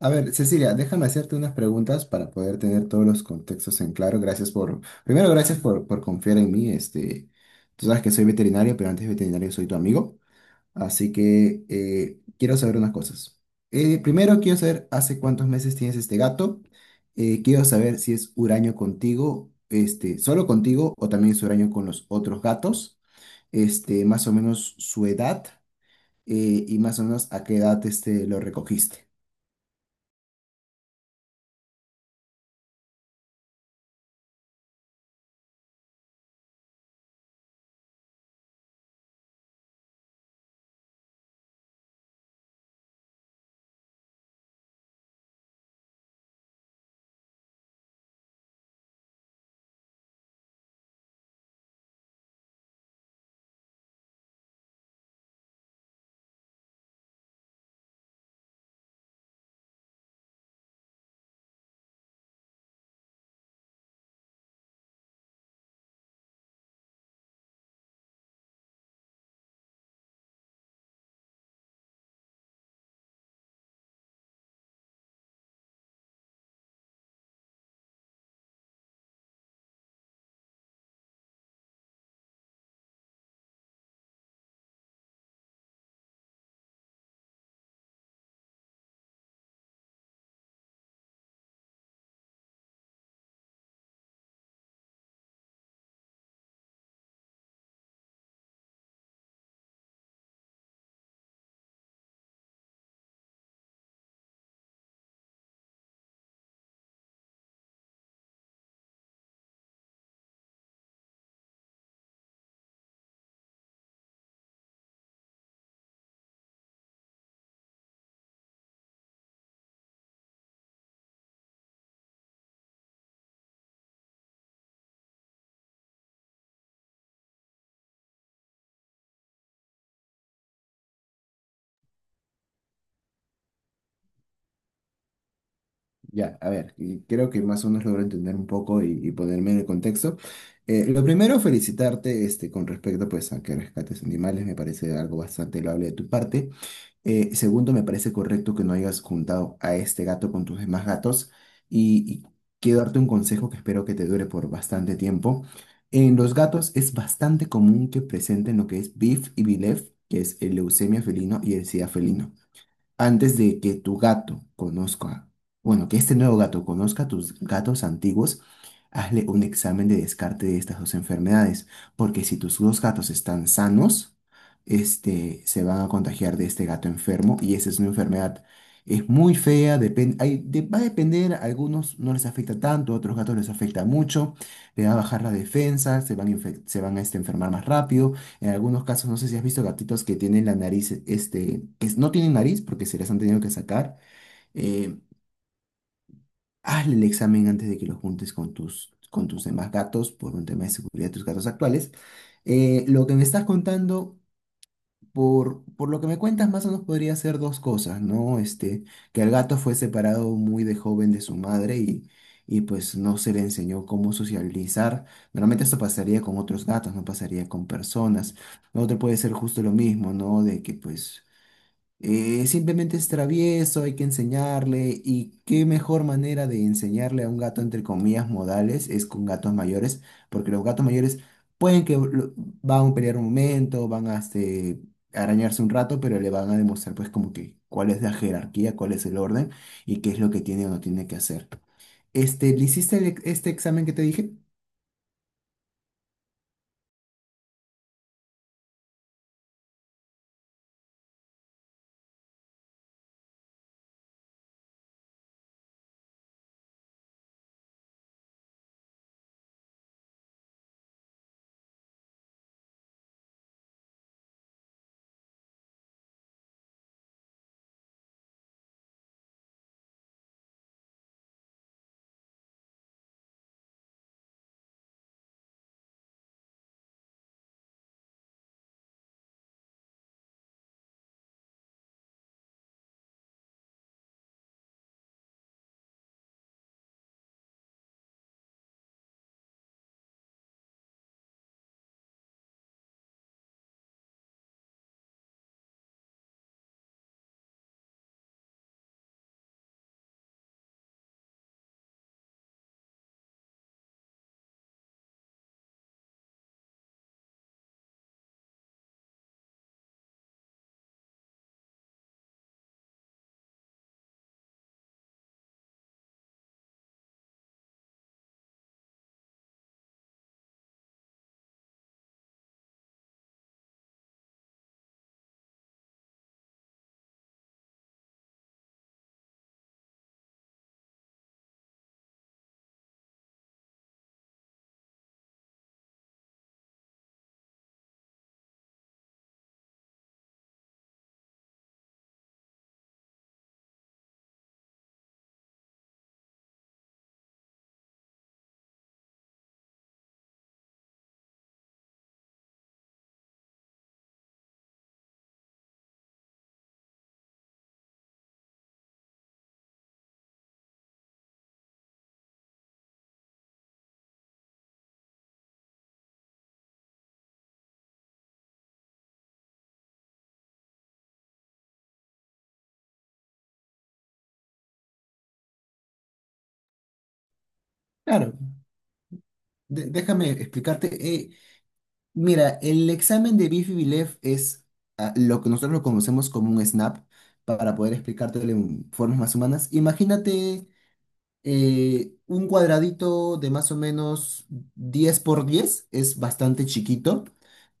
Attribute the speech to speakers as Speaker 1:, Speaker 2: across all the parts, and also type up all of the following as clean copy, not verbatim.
Speaker 1: A ver, Cecilia, déjame hacerte unas preguntas para poder tener todos los contextos en claro. Primero, gracias por confiar en mí. Tú sabes que soy veterinario, pero antes de veterinario soy tu amigo. Así que quiero saber unas cosas. Primero, quiero saber hace cuántos meses tienes este gato. Quiero saber si es huraño contigo, solo contigo o también es huraño con los otros gatos. Más o menos su edad y más o menos a qué edad lo recogiste. Ya, a ver, y creo que más o menos logro entender un poco y ponerme en el contexto. Lo primero, felicitarte con respecto pues, a que rescates animales, me parece algo bastante loable de tu parte. Segundo, me parece correcto que no hayas juntado a este gato con tus demás gatos y quiero darte un consejo que espero que te dure por bastante tiempo. En los gatos es bastante común que presenten lo que es BIF y BILEF, que es el leucemia felino y el SIDA felino. Antes de que tu gato conozca, bueno, que este nuevo gato conozca a tus gatos antiguos, hazle un examen de descarte de estas dos enfermedades, porque si tus dos gatos están sanos, se van a contagiar de este gato enfermo y esa es una enfermedad. Es muy fea, va a depender, a algunos no les afecta tanto, a otros gatos les afecta mucho, le va a bajar la defensa, se van a enfermar más rápido. En algunos casos, no sé si has visto gatitos que tienen la nariz, que no tienen nariz porque se las han tenido que sacar. Eh, hazle el examen antes de que lo juntes con con tus demás gatos por un tema de seguridad de tus gatos actuales. Lo que me estás contando por lo que me cuentas, más o menos podría ser dos cosas, ¿no? Que el gato fue separado muy de joven de su madre y pues no se le enseñó cómo socializar. Normalmente esto pasaría con otros gatos, no pasaría con personas. Otro puede ser justo lo mismo, ¿no? De que pues simplemente es travieso, hay que enseñarle y qué mejor manera de enseñarle a un gato entre comillas modales es con gatos mayores, porque los gatos mayores pueden que van a pelear un momento, van a arañarse un rato, pero le van a demostrar pues como que cuál es la jerarquía, cuál es el orden y qué es lo que tiene o no tiene que hacer. ¿Le hiciste el este examen que te dije? Claro, déjame explicarte. eh, Mira, el examen de bifi es lo que nosotros lo conocemos como un SNAP, para poder explicártelo en formas más humanas. Imagínate un cuadradito de más o menos 10 por 10, es bastante chiquito,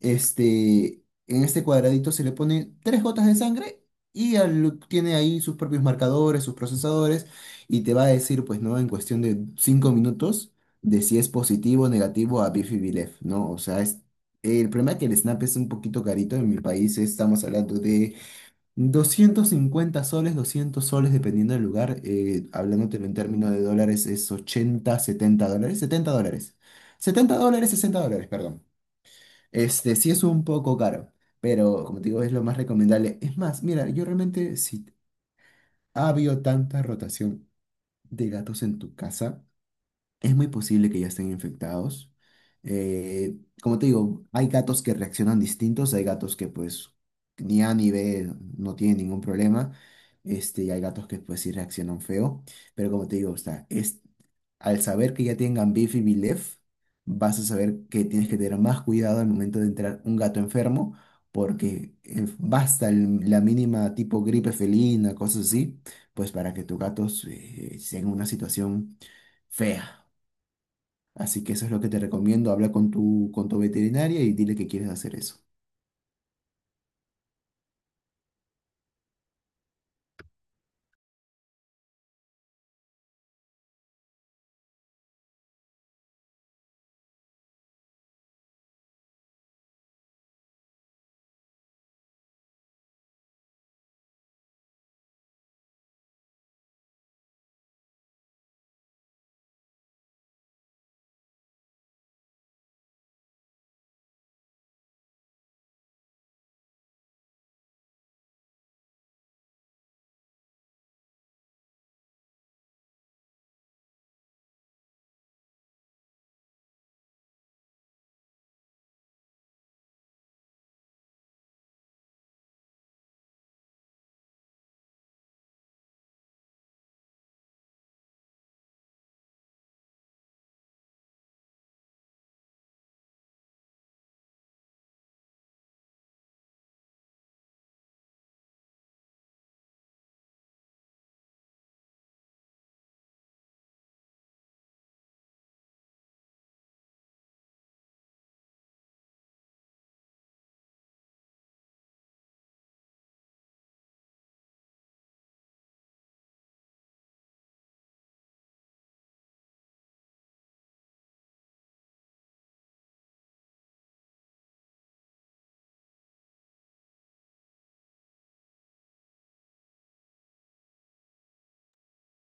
Speaker 1: en este cuadradito se le pone tres gotas de sangre y tiene ahí sus propios marcadores, sus procesadores y te va a decir, pues, ¿no? En cuestión de 5 minutos de si es positivo o negativo a Bifidilef, ¿no? O sea, es, el problema es que el SNAP es un poquito carito en mi país, estamos hablando de 250 soles, 200 soles dependiendo del lugar, hablándotelo en términos de dólares es 80, 70 dólares, 70 dólares. Setenta dólares, 60 dólares, perdón. Este sí es un poco caro, pero como te digo, es lo más recomendable. Es más, mira, yo realmente si ha habido tanta rotación de gatos en tu casa, es muy posible que ya estén infectados. Eh, como te digo, hay gatos que reaccionan distintos, hay gatos que pues ni A ni B no tienen ningún problema, y hay gatos que pues sí reaccionan feo, pero como te digo, o sea, es, al saber que ya tengan Bifi y Vilef, vas a saber que tienes que tener más cuidado al momento de entrar un gato enfermo, porque basta la mínima tipo gripe felina, cosas así, pues para que tu gato esté en una situación fea. Así que eso es lo que te recomiendo, habla con con tu veterinaria y dile que quieres hacer eso.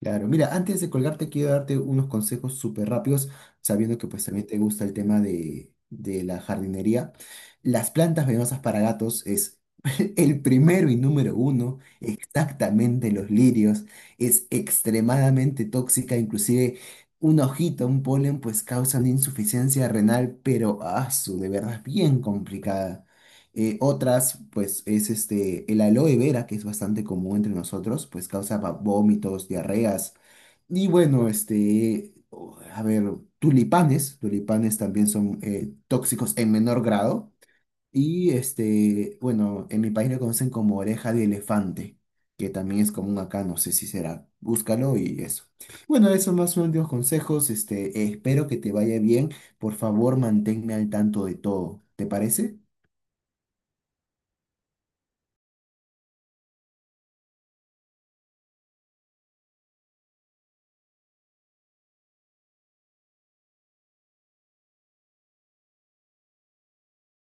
Speaker 1: Claro, mira, antes de colgarte quiero darte unos consejos súper rápidos, sabiendo que pues también te gusta el tema de la jardinería. Las plantas venenosas para gatos es el primero y número uno, exactamente los lirios, es extremadamente tóxica, inclusive una hojita, un polen, pues causan insuficiencia renal, pero su de verdad es bien complicada. Otras, pues, es el aloe vera, que es bastante común entre nosotros, pues causa vómitos, diarreas. Y bueno, a ver, tulipanes también son tóxicos en menor grado. Y bueno, en mi país lo conocen como oreja de elefante, que también es común acá, no sé si será. Búscalo y eso. Bueno, esos más son los consejos. Espero que te vaya bien. Por favor, manténme al tanto de todo. ¿Te parece?